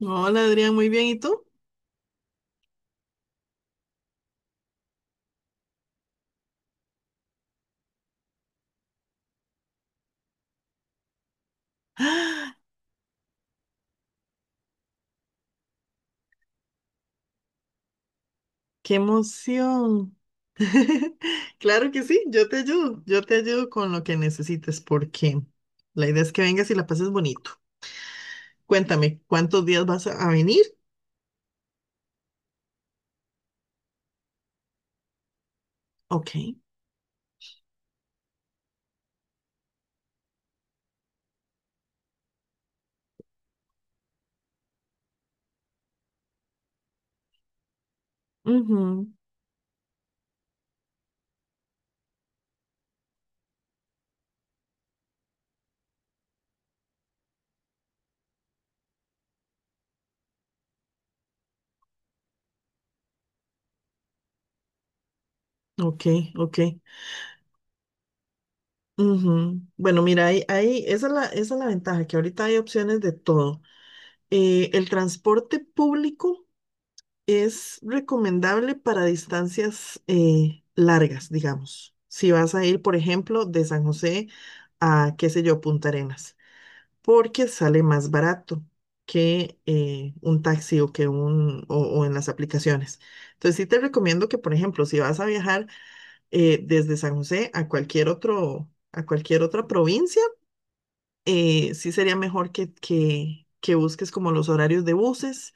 Hola Adrián, muy bien. ¿Y tú? ¡Qué emoción! Claro que sí, yo te ayudo con lo que necesites, porque la idea es que vengas y la pases bonito. Cuéntame, ¿cuántos días vas a venir? Ok. Ujú. Ok, ok, ujú. Bueno, mira, esa es esa es la ventaja, que ahorita hay opciones de todo. El transporte público es recomendable para distancias largas, digamos. Si vas a ir, por ejemplo, de San José a, qué sé yo, Punta Arenas, porque sale más barato que un taxi o o en las aplicaciones. Entonces sí te recomiendo que, por ejemplo, si vas a viajar desde San José a a cualquier otra provincia, sí sería mejor que busques como los horarios de buses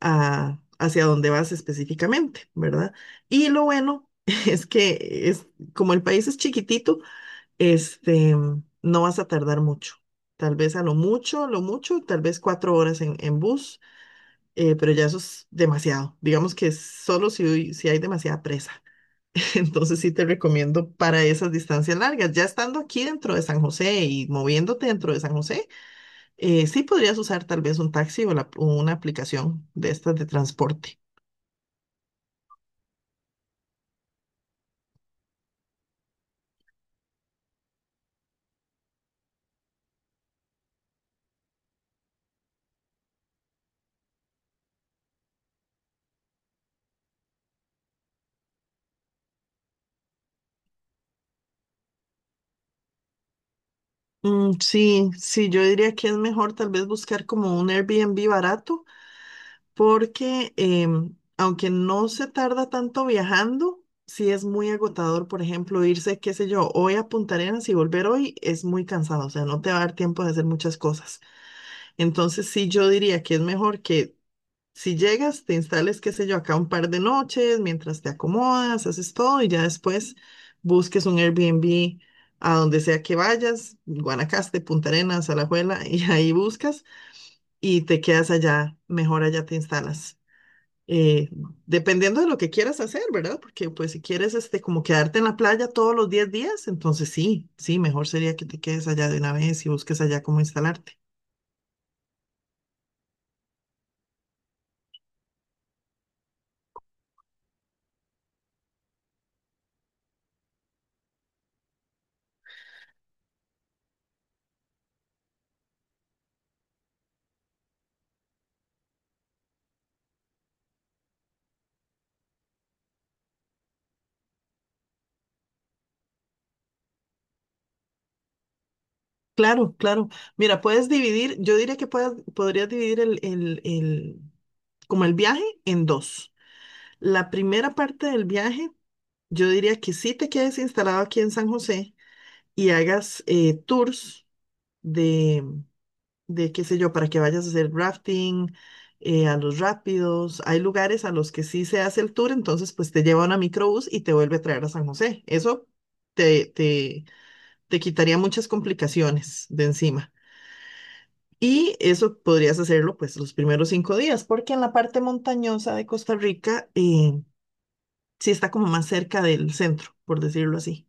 hacia dónde vas específicamente, ¿verdad? Y lo bueno es es, como el país es chiquitito, este, no vas a tardar mucho. Tal vez a lo mucho, tal vez 4 horas en bus, pero ya eso es demasiado. Digamos que solo si hay demasiada presa. Entonces sí te recomiendo para esas distancias largas. Ya estando aquí dentro de San José y moviéndote dentro de San José, sí podrías usar tal vez un taxi o una aplicación de estas de transporte. Mm, sí, yo diría que es mejor tal vez buscar como un Airbnb barato, porque aunque no se tarda tanto viajando, sí es muy agotador. Por ejemplo, irse, qué sé yo, hoy a Punta Arenas y volver hoy es muy cansado, o sea, no te va a dar tiempo de hacer muchas cosas. Entonces, sí, yo diría que es mejor que si llegas, te instales, qué sé yo, acá un par de noches, mientras te acomodas, haces todo, y ya después busques un Airbnb a donde sea que vayas, Guanacaste, Punta Arenas, Alajuela, y ahí buscas y te quedas allá, mejor allá te instalas, eh, dependiendo de lo que quieras hacer, ¿verdad? Porque pues si quieres como quedarte en la playa todos los 10 días, entonces sí, mejor sería que te quedes allá de una vez y busques allá cómo instalarte. Claro, claro. Mira, yo diría que podrías dividir como el viaje en dos. La primera parte del viaje, yo diría que sí te quedes instalado aquí en San José y hagas tours de, qué sé yo, para que vayas a hacer rafting, a los rápidos. Hay lugares a los que sí se hace el tour, entonces pues te lleva una microbús y te vuelve a traer a San José. Eso te, te, te quitaría muchas complicaciones de encima. Y eso podrías hacerlo pues los primeros 5 días, porque en la parte montañosa de Costa Rica sí está como más cerca del centro, por decirlo así.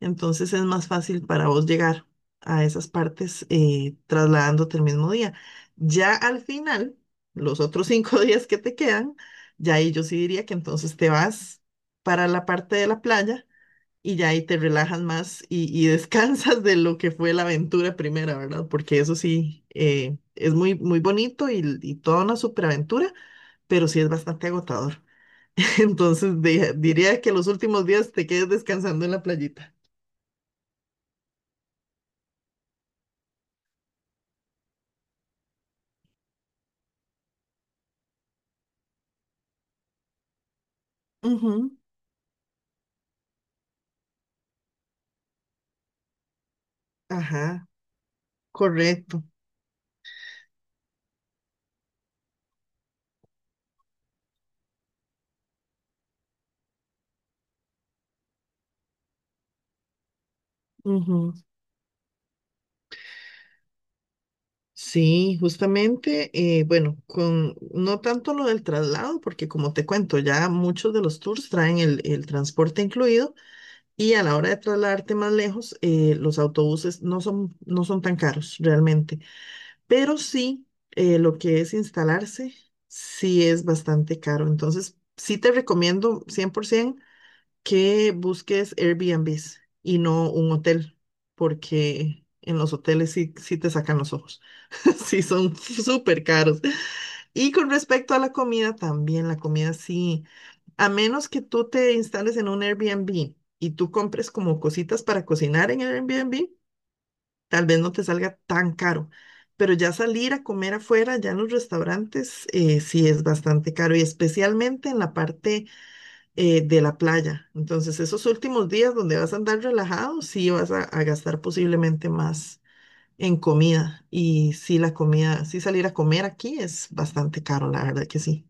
Entonces es más fácil para vos llegar a esas partes trasladándote el mismo día. Ya al final, los otros 5 días que te quedan, ya ahí yo sí diría que entonces te vas para la parte de la playa, y ya ahí te relajas más y descansas de lo que fue la aventura primera, ¿verdad? Porque eso sí, es muy, muy bonito y toda una superaventura, pero sí es bastante agotador. Entonces diría que los últimos días te quedes descansando en la playita. Ajá, correcto. Ujú. Sí, justamente, bueno, con no tanto lo del traslado, porque como te cuento, ya muchos de los tours traen el transporte incluido, y a la hora de trasladarte más lejos, los autobuses no son tan caros realmente, pero sí, lo que es instalarse, sí es bastante caro. Entonces, sí te recomiendo 100% que busques Airbnbs y no un hotel, porque en los hoteles sí te sacan los ojos, sí son súper caros. Y con respecto a la comida también, la comida sí, a menos que tú te instales en un Airbnb y tú compres como cositas para cocinar en el Airbnb, tal vez no te salga tan caro. Pero ya salir a comer afuera, ya en los restaurantes, sí es bastante caro, y especialmente en la parte de la playa. Entonces, esos últimos días donde vas a andar relajado, sí vas a gastar posiblemente más en comida. Y sí, la comida, sí, salir a comer aquí es bastante caro, la verdad que sí.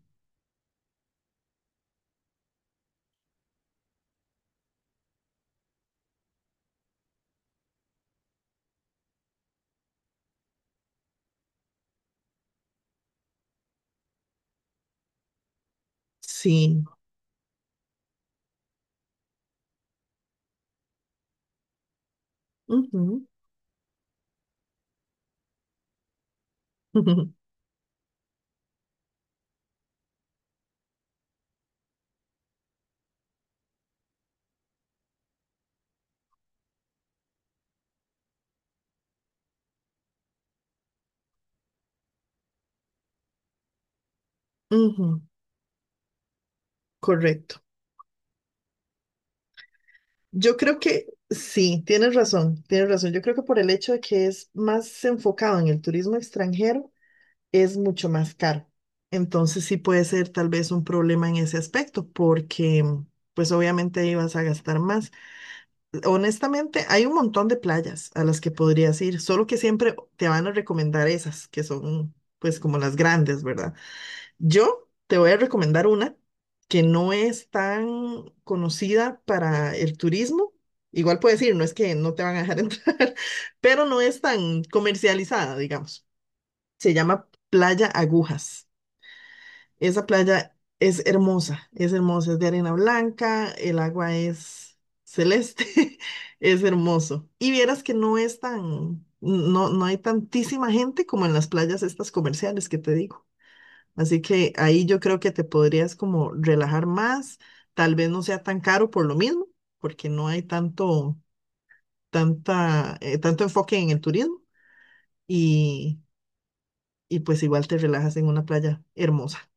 Sí. Ujú. Ujú, ujú. Correcto. Yo creo que sí, tienes razón, tienes razón. Yo creo que por el hecho de que es más enfocado en el turismo extranjero, es mucho más caro. Entonces sí puede ser tal vez un problema en ese aspecto, porque pues obviamente ahí vas a gastar más. Honestamente, hay un montón de playas a las que podrías ir, solo que siempre te van a recomendar esas, que son pues como las grandes, ¿verdad? Yo te voy a recomendar una que no es tan conocida para el turismo. Igual puedes ir, no es que no te van a dejar entrar, pero no es tan comercializada, digamos. Se llama Playa Agujas. Esa playa es hermosa, es hermosa, es de arena blanca, el agua es celeste, es hermoso. Y vieras que no, no hay tantísima gente como en las playas estas comerciales que te digo. Así que ahí yo creo que te podrías como relajar más, tal vez no sea tan caro por lo mismo, porque no hay tanto enfoque en el turismo, y, y pues igual te relajas en una playa hermosa.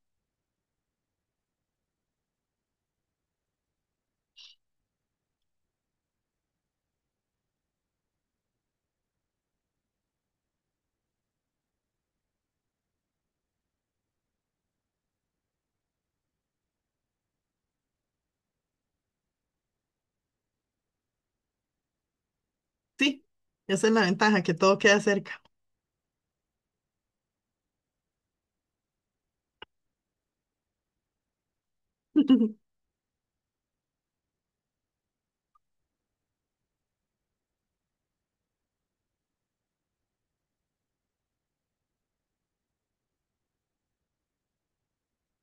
Sí, esa es la ventaja, que todo queda cerca.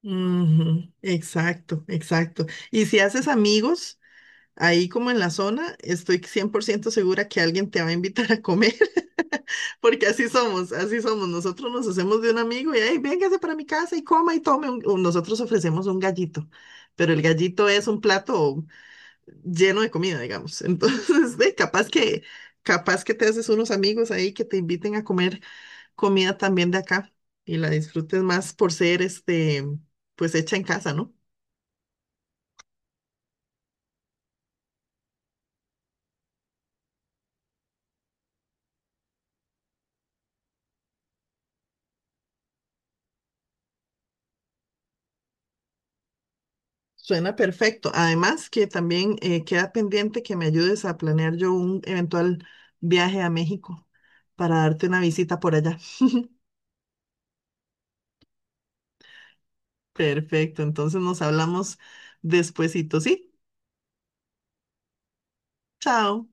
Ujú. Exacto, exacto. Y si haces amigos ahí como en la zona, estoy 100% segura que alguien te va a invitar a comer, porque así somos, así somos. Nosotros nos hacemos de un amigo y, hey, véngase para mi casa y coma y tome. Un-". O nosotros ofrecemos un gallito, pero el gallito es un plato lleno de comida, digamos. Entonces, capaz que te haces unos amigos ahí que te inviten a comer. Comida también de acá, y la disfrutes más por ser pues hecha en casa, ¿no? Suena perfecto. Además que también queda pendiente que me ayudes a planear yo un eventual viaje a México para darte una visita por allá. Perfecto, entonces nos hablamos despuesito, ¿sí? Chao.